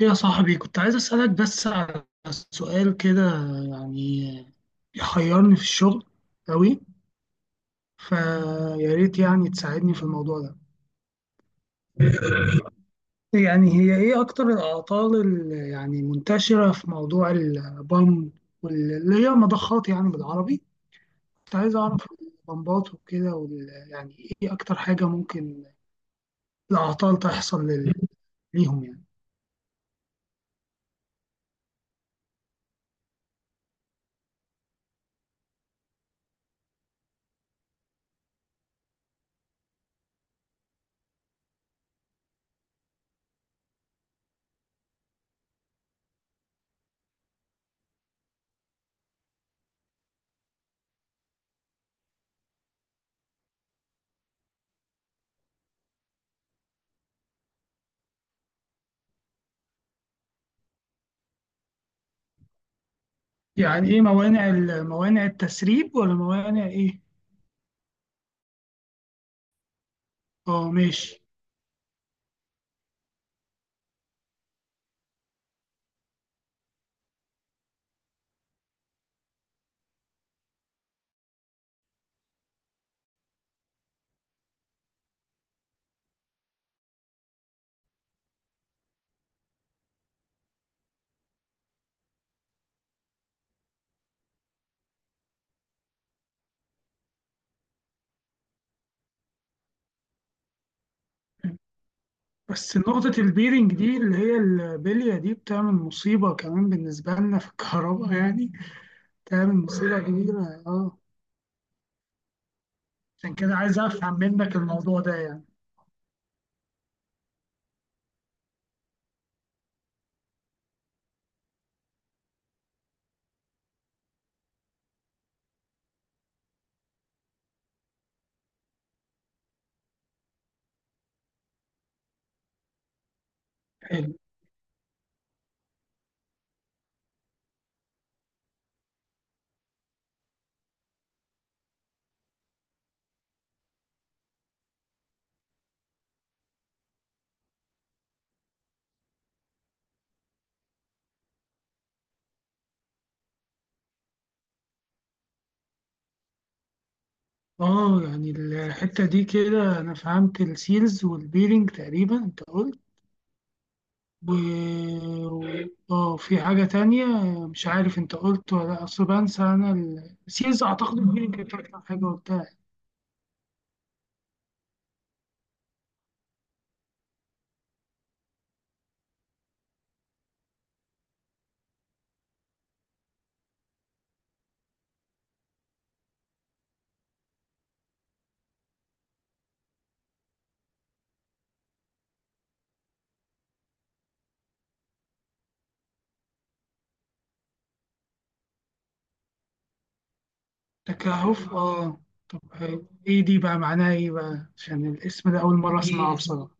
يا صاحبي، كنت عايز أسألك بس على سؤال كده، يعني يحيرني في الشغل أوي. فيا ريت يعني تساعدني في الموضوع ده. يعني هي إيه أكتر الأعطال اللي يعني منتشرة في موضوع البام؟ واللي هي مضخات يعني بالعربي. كنت عايز أعرف البمبات وكده يعني إيه أكتر حاجة ممكن الأعطال تحصل ليهم يعني. يعني إيه موانع التسريب ولا موانع إيه؟ أه ماشي. بس نقطة البيرنج دي اللي هي البلية دي بتعمل مصيبة كمان بالنسبة لنا في الكهرباء يعني. بتعمل مصيبة كبيرة اه. عشان كده عايز أفهم منك الموضوع ده يعني. حلو. اه يعني الحتة دي كده أنا فهمت السيلز والبيرنج تقريبا أنت قلت. و و- اه، في حاجة تانية. مش عارف أنت قلت ولا لأ، أصل بنسى أنا. السيلز أعتقد البيرنج كانت أكتر حاجة قلتها. تكهف اه. طب ايه دي بقى معناها ايه بقى، عشان الاسم ده اول مره اسمعه بصراحه.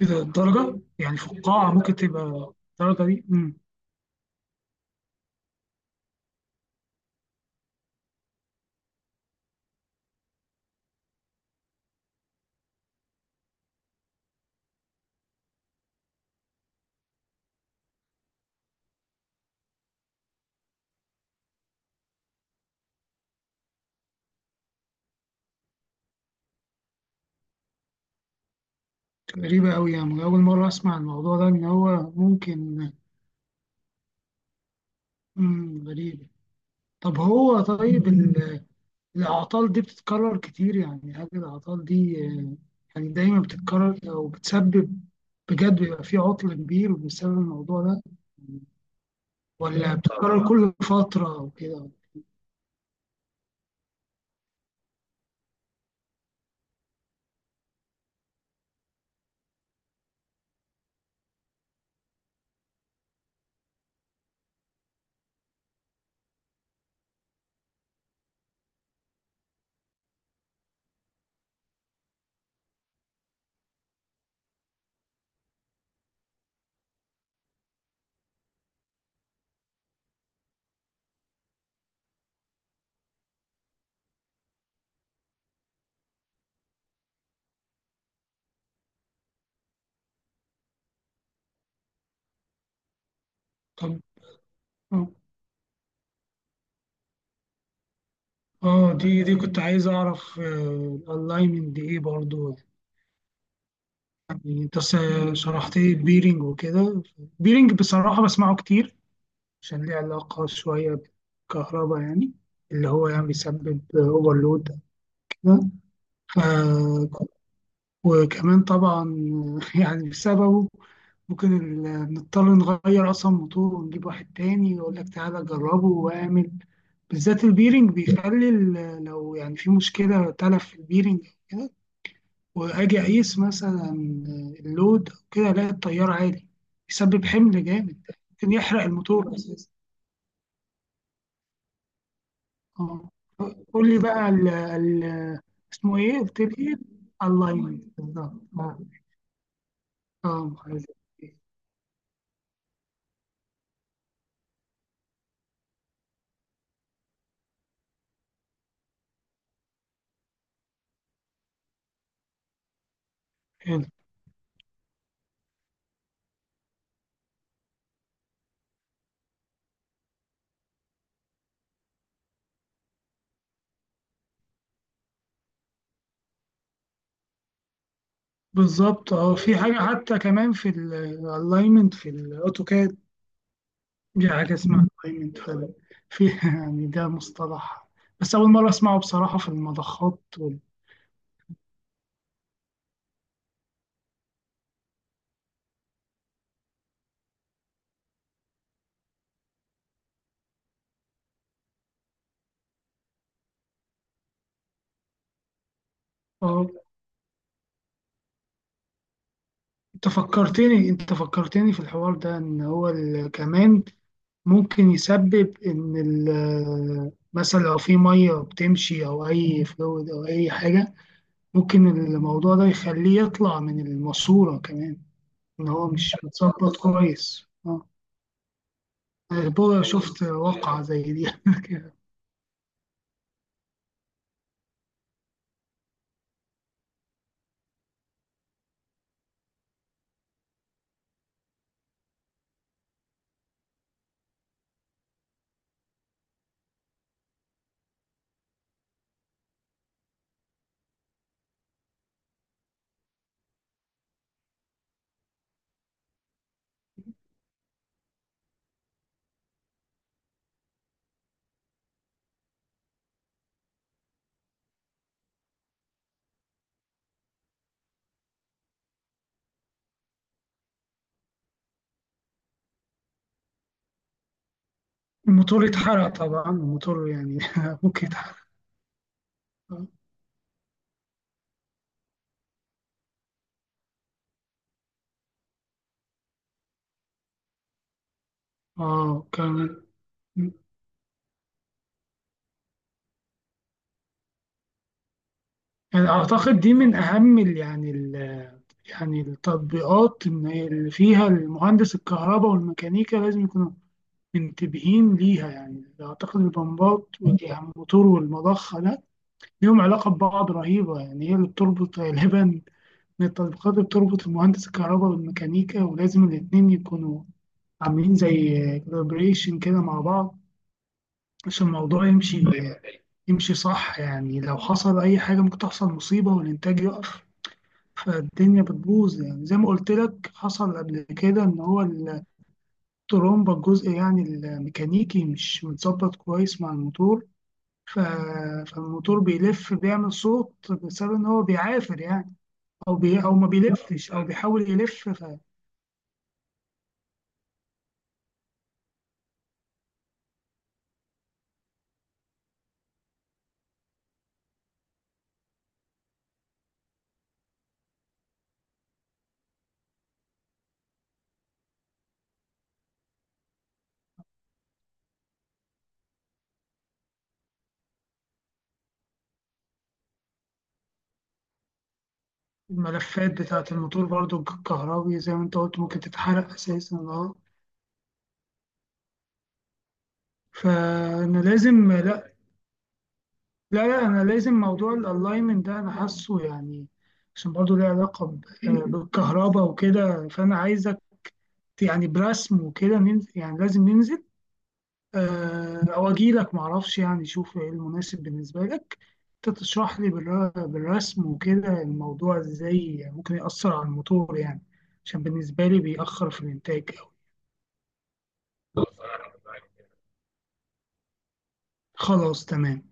ايه ده الدرجه، يعني فقاعه ممكن تبقى الدرجه دي غريبه قوي؟ يعني اول مره اسمع الموضوع ده ان هو ممكن. غريبه. طب هو طيب الاعطال دي بتتكرر كتير؟ يعني هل الاعطال دي يعني دايما بتتكرر او بتسبب بجد، بيبقى في عطل كبير بسبب الموضوع ده، ولا بتتكرر كل فتره او كده؟ طب آه. اه، دي كنت عايز اعرف الالاينمنت دي ايه برضو. يعني شرحت لي البيرنج وكده. البيرنج بصراحة بسمعه كتير، عشان ليه علاقة شوية بالكهرباء يعني، اللي هو يعني بيسبب اوفرلود كده. ف- وكمان طبعا يعني بسببه ممكن نضطر نغير اصلا موتور ونجيب واحد تاني يقول لك تعالى جربه واعمل. بالذات البيرنج بيخلي لو يعني في مشكلة تلف في البيرنج، واجي اقيس مثلا اللود أو كده، الاقي التيار عالي، بيسبب حمل جامد، ممكن يحرق الموتور اساسا اه. قول لي بقى ال ال اسمه ايه؟ قلت لي ايه؟ الاينمنت بالظبط اه. محرك. حلو. بالظبط اه، في حاجه حتى كمان في الالاينمنت في الاوتوكاد. دي حاجه اسمها الالاينمنت فعلا. في يعني ده مصطلح، بس اول مره اسمعه بصراحه في المضخات وال... اه. انت فكرتني في الحوار ده ان هو كمان ممكن يسبب ان مثلا لو في ميه بتمشي او اي فلويد او اي حاجه، ممكن الموضوع ده يخليه يطلع من الماسوره كمان، ان هو مش متظبط كويس اه. أنا بقى شفت واقعه زي دي الموتور اتحرق طبعا، الموتور يعني ممكن يتحرق اه كمان. يعني اعتقد دي من اهم يعني التطبيقات إن هي اللي فيها المهندس الكهرباء والميكانيكا لازم يكونوا منتبهين ليها. يعني أعتقد البمبات والموتور والمضخة ده ليهم علاقة ببعض رهيبة. يعني هي اللي بتربط غالبا من التطبيقات اللي بتربط المهندس الكهرباء والميكانيكا، ولازم الاتنين يكونوا عاملين زي كولابريشن كده مع بعض عشان الموضوع يمشي صح. يعني لو حصل أي حاجة ممكن تحصل مصيبة والإنتاج يقف، فالدنيا بتبوظ. يعني زي ما قلت لك، حصل قبل كده ان هو الترومبا، الجزء يعني الميكانيكي، مش متظبط كويس مع الموتور، ف... فالموتور بيلف بيعمل صوت بسبب ان هو بيعافر يعني، او ما بيلفش او بيحاول يلف. فالملفات بتاعة الموتور برضو الكهربي، زي ما انت قلت ممكن تتحرق اساسا اه. فانا لازم، لا لا لا، انا لازم موضوع الالاينمنت ده انا حاسه يعني، عشان برضه ليه علاقه بالكهرباء وكده، فانا عايزك يعني برسم وكده ننزل، يعني لازم ننزل، او اجي لك معرفش، يعني شوف ايه المناسب بالنسبه لك. انت تشرح لي بالرسم وكده الموضوع ازاي ممكن يأثر على الموتور، يعني عشان بالنسبه لي بيأخر في الانتاج أوي. خلاص تمام.